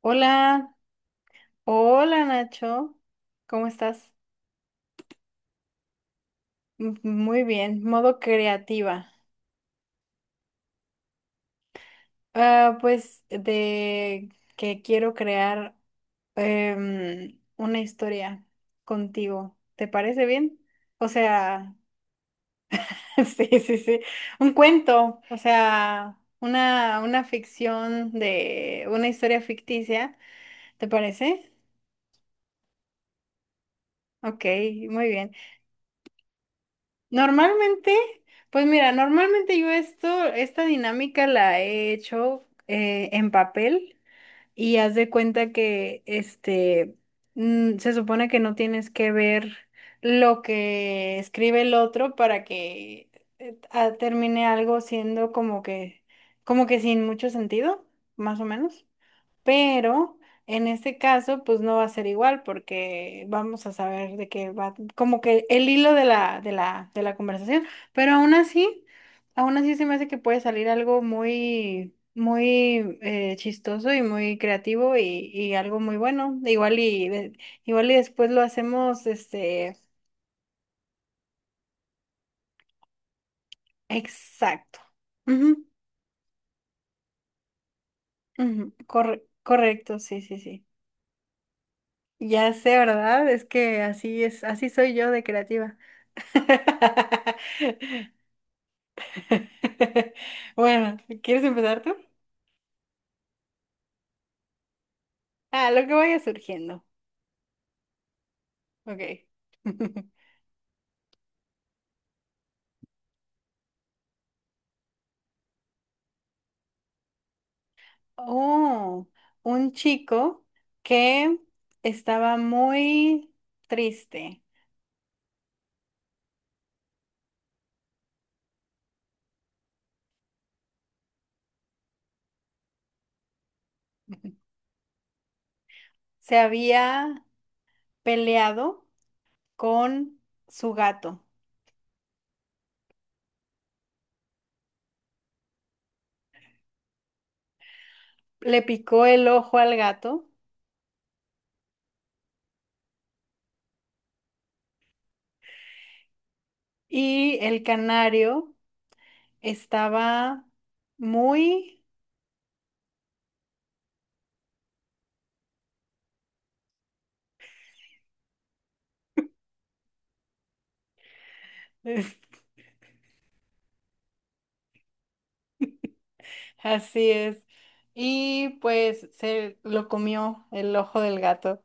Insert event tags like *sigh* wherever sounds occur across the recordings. Hola, hola Nacho, ¿cómo estás? Muy bien, modo creativa. Ah, pues de que quiero crear una historia contigo, ¿te parece bien? O sea, *laughs* sí, sí, sí, un cuento, o sea, una ficción de una historia ficticia, ¿te parece? Ok, muy bien. Normalmente, pues mira, normalmente esta dinámica la he hecho en papel y haz de cuenta que este se supone que no tienes que ver lo que escribe el otro para que termine algo siendo como que sin mucho sentido, más o menos. Pero en este caso, pues no va a ser igual porque vamos a saber de qué va, como que el hilo de la conversación. Pero aún así se me hace que puede salir algo muy, muy chistoso y muy creativo y algo muy bueno. Igual y después lo hacemos, este, exacto. Ujú, ujú, correcto, sí, sí, sí. Ya sé, ¿verdad? Es que así es, así soy yo de creativa. *laughs* Bueno, ¿quieres empezar tú? Ah, lo que vaya surgiendo. Ok. *laughs* Oh, un chico que estaba muy triste. Se había peleado con su gato. Le picó el ojo al gato y el canario estaba muy *laughs* Así es. Y pues se lo comió el ojo del gato.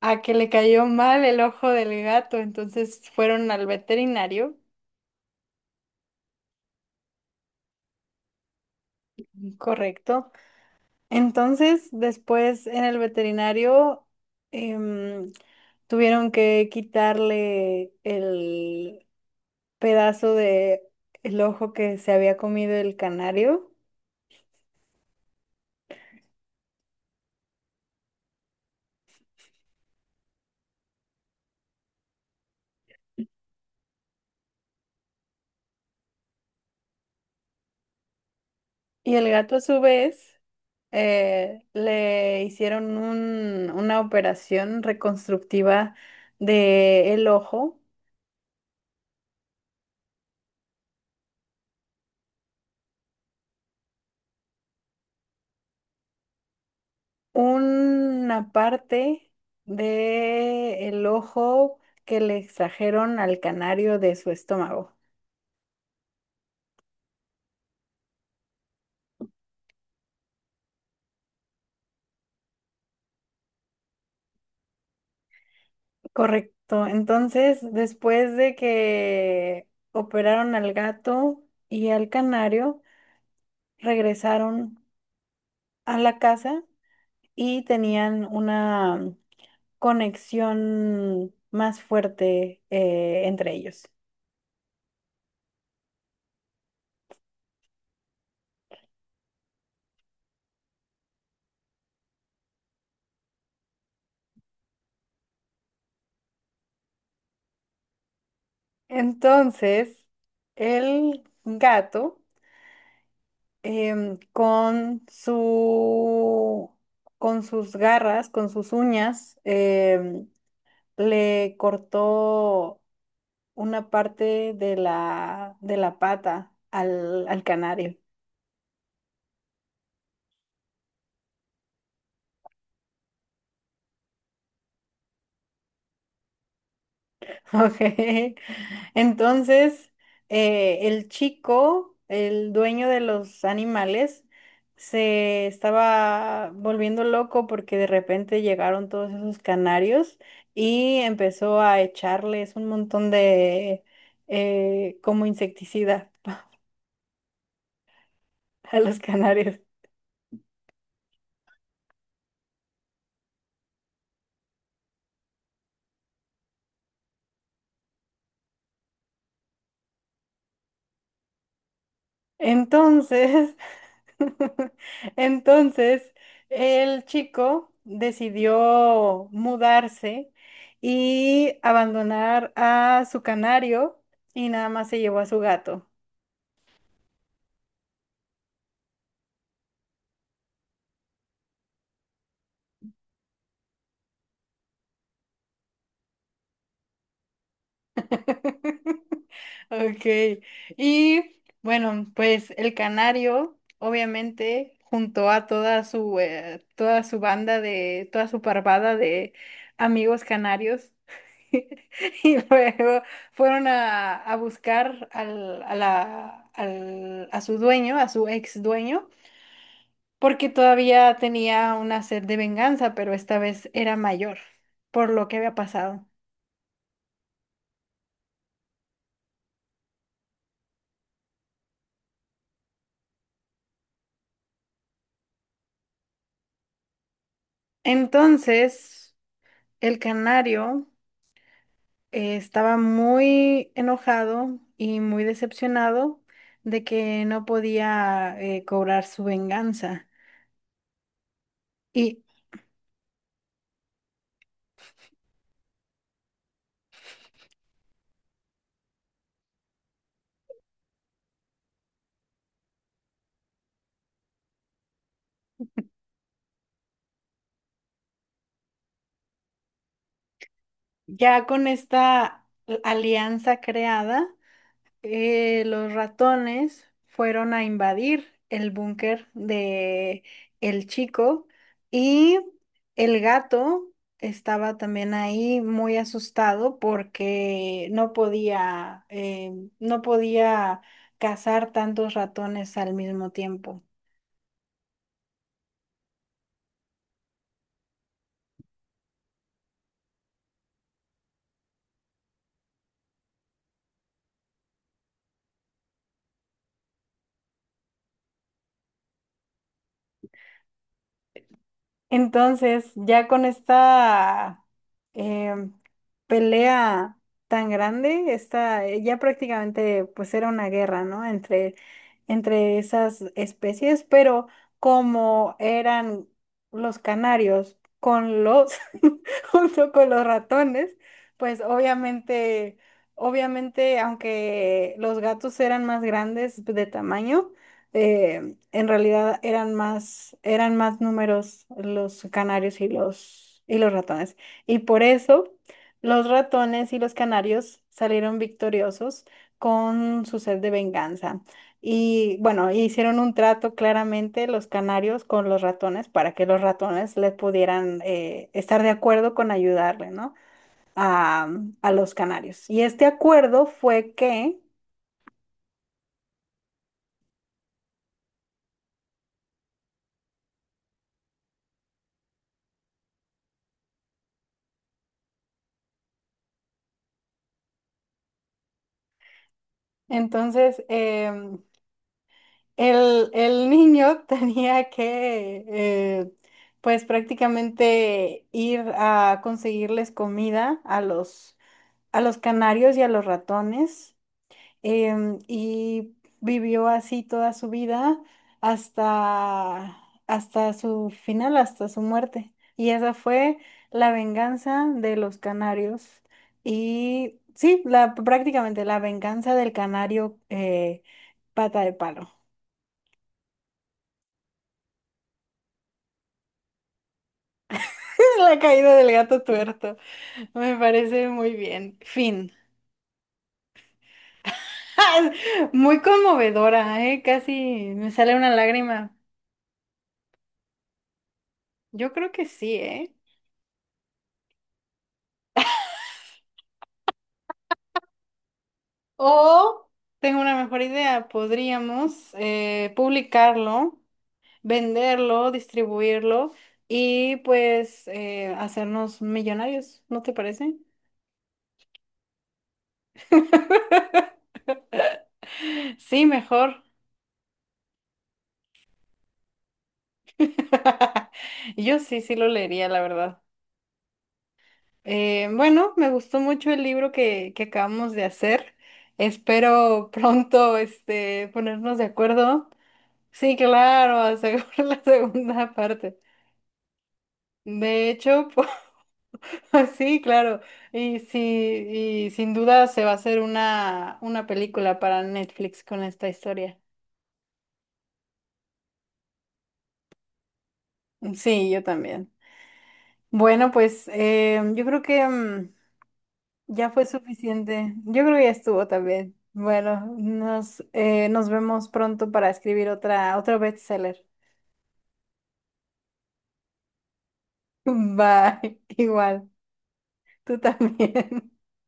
A que le cayó mal el ojo del gato, entonces fueron al veterinario, correcto. Entonces, después en el veterinario em, tuvieron que quitarle el pedazo de el ojo que se había comido el canario. Y el gato a su vez le hicieron una operación reconstructiva del ojo. Una parte del ojo que le extrajeron al canario de su estómago. Correcto. Entonces, después de que operaron al gato y al canario, regresaron a la casa y tenían una conexión más fuerte entre ellos. Entonces, el gato em, con su, con sus garras, con sus uñas, le cortó una parte de la pata al canario. Ok. *laughs* Entonces, el chico, el dueño de los animales, se estaba volviendo loco porque de repente llegaron todos esos canarios y empezó a echarles un montón de como insecticida a los canarios. Entonces, *laughs* entonces, el chico decidió mudarse y abandonar a su canario y nada más se llevó a su gato. Ok. Y bueno, pues el canario, obviamente, junto a toda su toda su banda de, toda su parvada de amigos canarios. *laughs* Y luego fueron a buscar al, a la- al- a su dueño, a su ex dueño, porque todavía tenía una sed de venganza, pero esta vez era mayor por lo que había pasado. Entonces, el canario. Estaba muy enojado y muy decepcionado de que no podía cobrar su venganza. Y ya con esta alianza creada, los ratones fueron a invadir el búnker de el chico y el gato estaba también ahí muy asustado porque no podía cazar tantos ratones al mismo tiempo. Entonces, ya con esta em, pelea tan grande, ya prácticamente pues era una guerra, ¿no? Entre, entre esas especies, pero como eran los canarios con los, *laughs* junto con los ratones, pues obviamente, obviamente, aunque los gatos eran más grandes de tamaño, eh, en realidad eran más números los canarios y los ratones. Y por eso los ratones y los canarios salieron victoriosos con su sed de venganza. Y bueno, hicieron un trato claramente los canarios con los ratones para que los ratones les pudieran estar de acuerdo con ayudarle, ¿no? A, a los canarios. Y este acuerdo fue que entonces el niño *laughs* tenía que, pues prácticamente ir a conseguirles comida a los canarios y a los ratones, y vivió así toda su vida hasta, hasta su final, hasta su muerte. Y esa fue la venganza de los canarios. Y sí, la, prácticamente la venganza del canario pata de palo. *laughs* La caída del gato tuerto. Me parece muy bien. Fin. *laughs* Muy conmovedora, ¿eh? Casi me sale una lágrima. Yo creo que sí, ¿eh? O tengo una mejor idea. Podríamos publicarlo, venderlo, distribuirlo y pues hacernos millonarios, ¿no te parece? Sí, mejor. *laughs* Yo sí, sí lo leería, la verdad. Bueno, me gustó mucho el libro que acabamos de hacer. Espero *laughs* pronto este, ponernos de acuerdo. Sí, claro, aseguro *laughs* la segunda parte. De hecho, pues, *laughs* sí, claro. Y, sí, y sin duda se va a hacer una película para Netflix con esta historia. Sí, yo también. Bueno, pues yo creo que ya fue suficiente. Yo creo que ya estuvo también. Bueno, nos vemos pronto para escribir otra, otro bestseller. *laughs* Bye. Igual. Tú también.